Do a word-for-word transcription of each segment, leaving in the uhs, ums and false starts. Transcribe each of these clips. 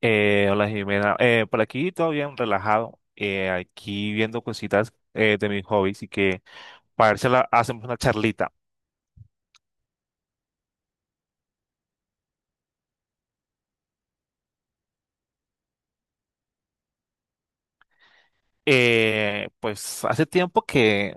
Eh, hola, Jimena. Eh, por aquí todo bien, relajado. Eh, aquí viendo cositas, eh, de mis hobbies, y que para ver si la- hacemos una charlita. Eh, pues hace tiempo que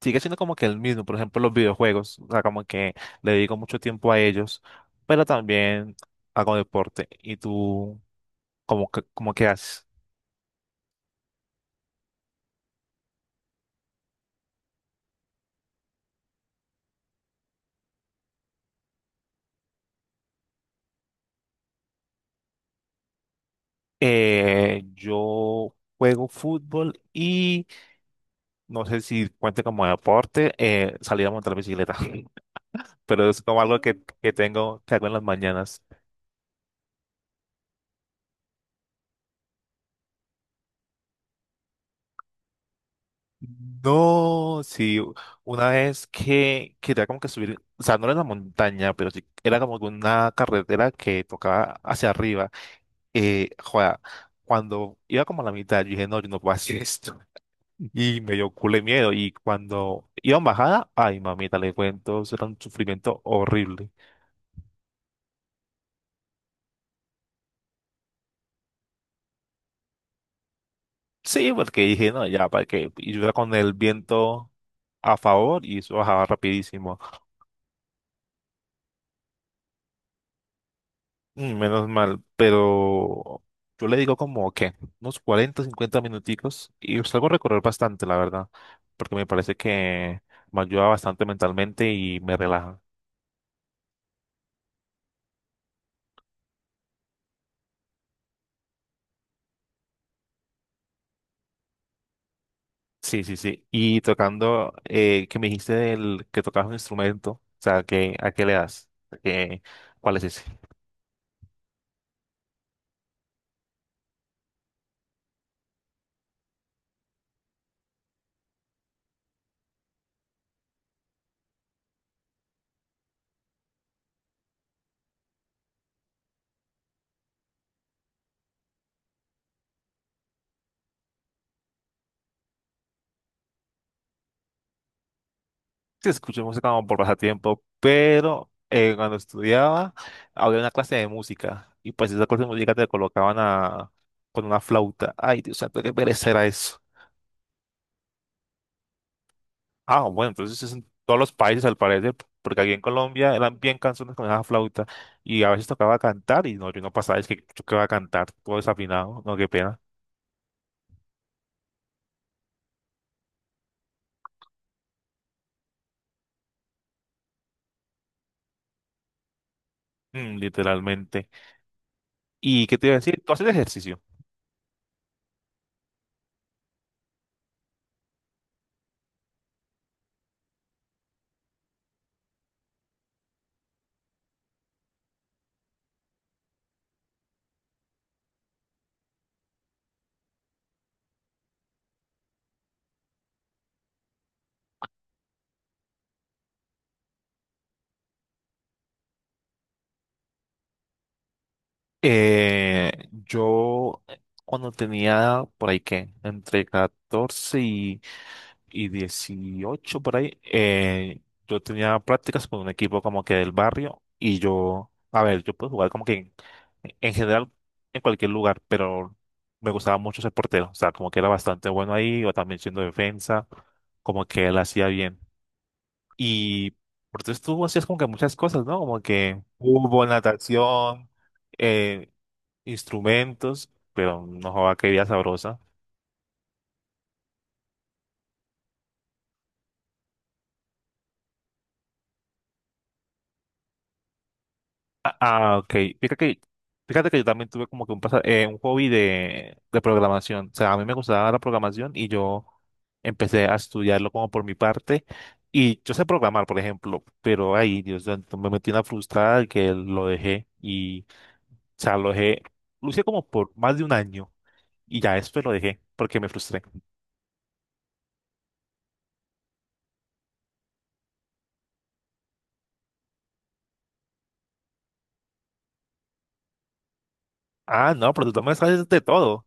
sigue siendo como que el mismo, por ejemplo los videojuegos, o sea, como que le dedico mucho tiempo a ellos, pero también hago deporte. ¿Y tú cómo, que- cómo que haces? Eh, yo juego fútbol y no sé si cuente como deporte, eh, salir a montar bicicleta. Pero es como algo que, que tengo, que hago en las mañanas. No, sí, una vez que quería como que subir, o sea, no era la montaña, pero sí, era como que una carretera que tocaba hacia arriba. Eh, joda, cuando iba como a la mitad, yo dije, no, yo no puedo hacer esto. Y me dio culo de miedo. Y cuando iba en bajada, ay, mamita, le cuento, eso era un sufrimiento horrible. Sí, porque dije, no, ya, para qué. Y yo iba con el viento a favor y eso bajaba rapidísimo. Mm, menos mal, pero yo le digo como que unos cuarenta, cincuenta minuticos y salgo a recorrer bastante, la verdad, porque me parece que me ayuda bastante mentalmente y me relaja. Sí, sí, sí. Y tocando, eh, que me dijiste del que tocabas un instrumento, o sea, que, ¿a qué le das? ¿Qué- cuál es ese? Sí, escuché música como por pasatiempo, pero eh, cuando estudiaba había una clase de música y pues esa clase de música te colocaban a, con una flauta. Ay, Dios santo, qué pereza era eso. Ah, bueno, entonces es en todos los países al parecer, porque aquí en Colombia eran bien canciones con esa flauta y a veces tocaba cantar y no, yo no pasaba, es que yo que iba a cantar, todo desafinado, no, qué pena. Mm, literalmente. ¿Y qué te iba a decir? ¿Tú haces ejercicio? Eh, yo eh, cuando tenía por ahí que entre catorce y y dieciocho por ahí, eh, yo tenía prácticas con un equipo como que del barrio y yo, a ver, yo puedo jugar como que en, en general en cualquier lugar, pero me gustaba mucho ser portero, o sea, como que era bastante bueno ahí, o también siendo defensa, como que él hacía bien. Y por eso tú hacías como que muchas cosas, ¿no? Como que fútbol, natación, eh, instrumentos, pero no joda, qué vida sabrosa. Ah, ah, ok. Fíjate que, fíjate que yo también tuve como que un, pasa- eh, un hobby de, de programación. O sea, a mí me gustaba la programación y yo empecé a estudiarlo como por mi parte. Y yo sé programar, por ejemplo, pero ahí, Dios santo, me metí una frustrada que lo dejé, y o sea, lo dejé, lo hice como por más de un año y ya después lo dejé porque me frustré. Ah, no, pero tú también sabes de todo.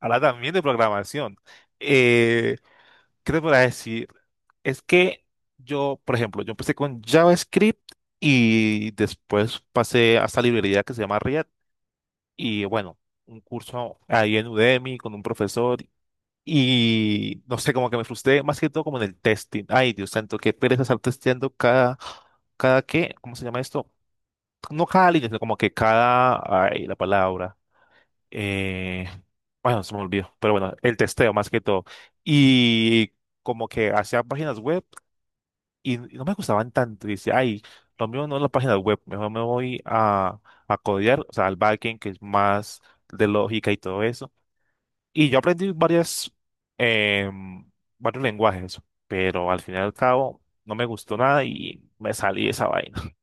Ahora también de programación. Eh, ¿Qué te podría decir? Es que yo, por ejemplo, yo empecé con JavaScript y después pasé a esta librería que se llama React y bueno, un curso ahí en Udemy con un profesor, y no sé, como que me frustré más que todo como en el testing. Ay, Dios santo, qué pereza estar testeando cada, cada qué, ¿cómo se llama esto? No cada línea, sino como que cada, ay, la palabra. Eh, bueno, se me olvidó, pero bueno, el testeo más que todo. Y como que hacía páginas web y, y no me gustaban tanto. Y decía, ay, lo mío no es la página web, mejor me voy a, a codear, o sea, al backend, que es más de lógica y todo eso. Y yo aprendí varias, em, varios lenguajes, pero al fin y al cabo no me gustó nada y me salí de esa vaina.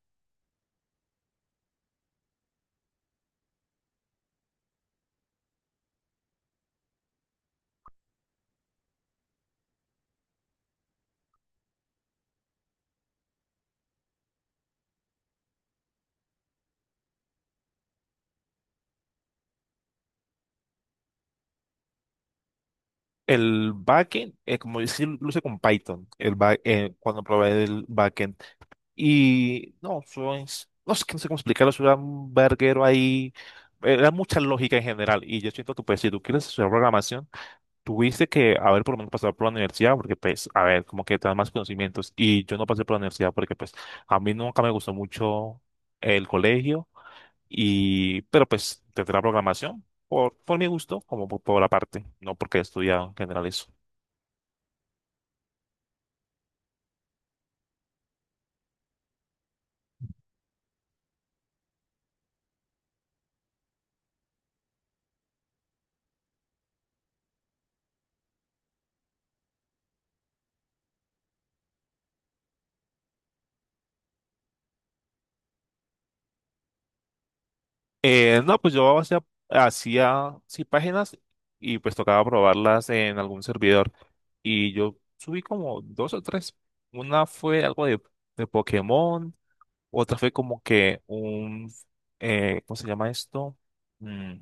El backend, eh, como dice, lo hice con Python. El back- eh, cuando probé el backend. Y no, eso es- no sé, no sé cómo explicarlo, eso era un verguero ahí, era mucha lógica en general. Y yo siento que pues si tú quieres estudiar programación, tuviste que haber por lo menos pasado por la universidad, porque pues, a ver, como que te dan más conocimientos. Y yo no pasé por la universidad porque pues a mí nunca me gustó mucho el colegio, y pero pues tendré la programación por, por mi gusto, como por, por la parte, no porque he estudiado en general eso. Eh, no, pues yo hacía, hacía, sí, páginas y pues tocaba probarlas en algún servidor. Y yo subí como dos o tres. Una fue algo de, de Pokémon, otra fue como que un, eh, ¿cómo se llama esto? Mm,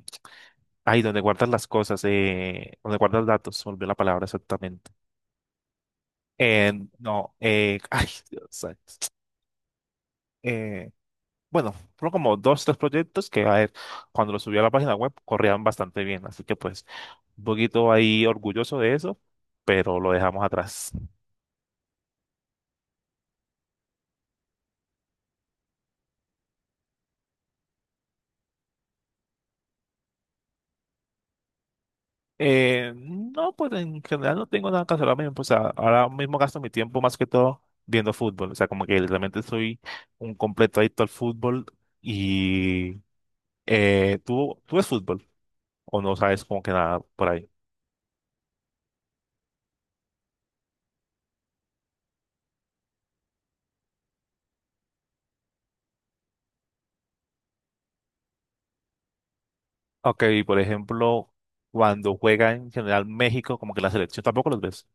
ahí donde guardas las cosas, eh, donde guardas datos, se me olvidó la palabra exactamente. Eh, no, eh, ay, Dios santo. Eh, bueno, fueron como dos, tres proyectos que, a ver, cuando los subí a la página web, corrían bastante bien. Así que pues un poquito ahí orgulloso de eso, pero lo dejamos atrás. Eh, no, pues en general no tengo nada que hacer ahora mismo, o sea, ahora mismo gasto mi tiempo más que todo viendo fútbol, o sea, como que realmente soy un completo adicto al fútbol. Y eh, ¿tú, tú ves fútbol o no sabes como que nada por ahí? Ok, por ejemplo, cuando juega en general México, como que la selección, tampoco los ves.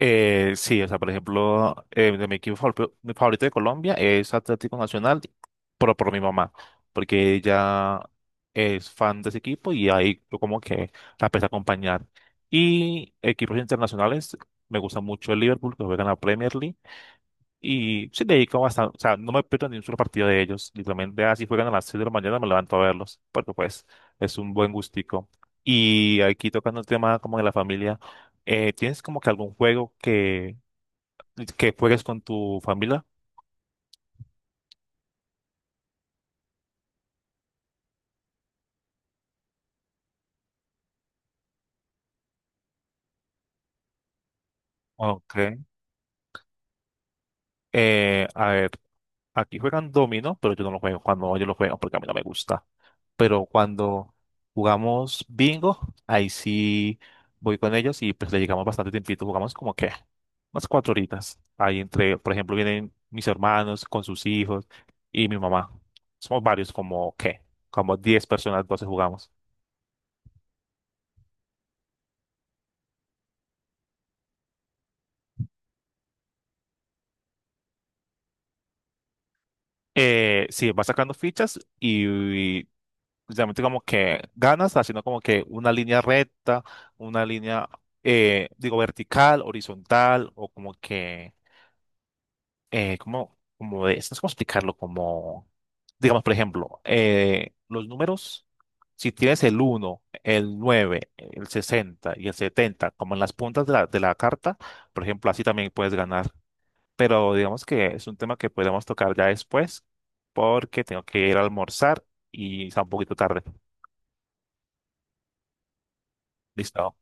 Eh, sí, o sea, por ejemplo, eh, de mi equipo favor- mi favorito de Colombia es Atlético Nacional, pero por mi mamá, porque ella es fan de ese equipo y ahí yo como que la empecé a acompañar. Y equipos internacionales, me gusta mucho el Liverpool, que juega en la Premier League. Y sí, le dedico bastante, o sea, no me pierdo ni un solo partido de ellos. Literalmente, así juegan a las seis de la mañana, me levanto a verlos, porque pues es un buen gustico. Y aquí tocando el tema como de la familia, eh, ¿tienes como que algún juego que, que juegues con tu familia? Ok. Eh, a ver, aquí juegan dominó, pero yo no lo juego, cuando yo lo juego porque a mí no me gusta. Pero cuando jugamos bingo, ahí sí voy con ellos y pues le llegamos bastante tiempito, jugamos como que unas cuatro horitas. Ahí entre, por ejemplo, vienen mis hermanos con sus hijos y mi mamá. Somos varios, como que, como diez personas, doce jugamos. Eh, sí, vas sacando fichas y, y realmente como que ganas haciendo como que una línea recta, una línea, eh, digo, vertical, horizontal, o como que eh, como, como de, no sé cómo explicarlo, como, digamos, por ejemplo, eh, los números, si tienes el uno, el nueve, el sesenta y el setenta como en las puntas de la, de la carta, por ejemplo, así también puedes ganar. Pero digamos que es un tema que podemos tocar ya después, porque tengo que ir a almorzar y está un poquito tarde. Listo.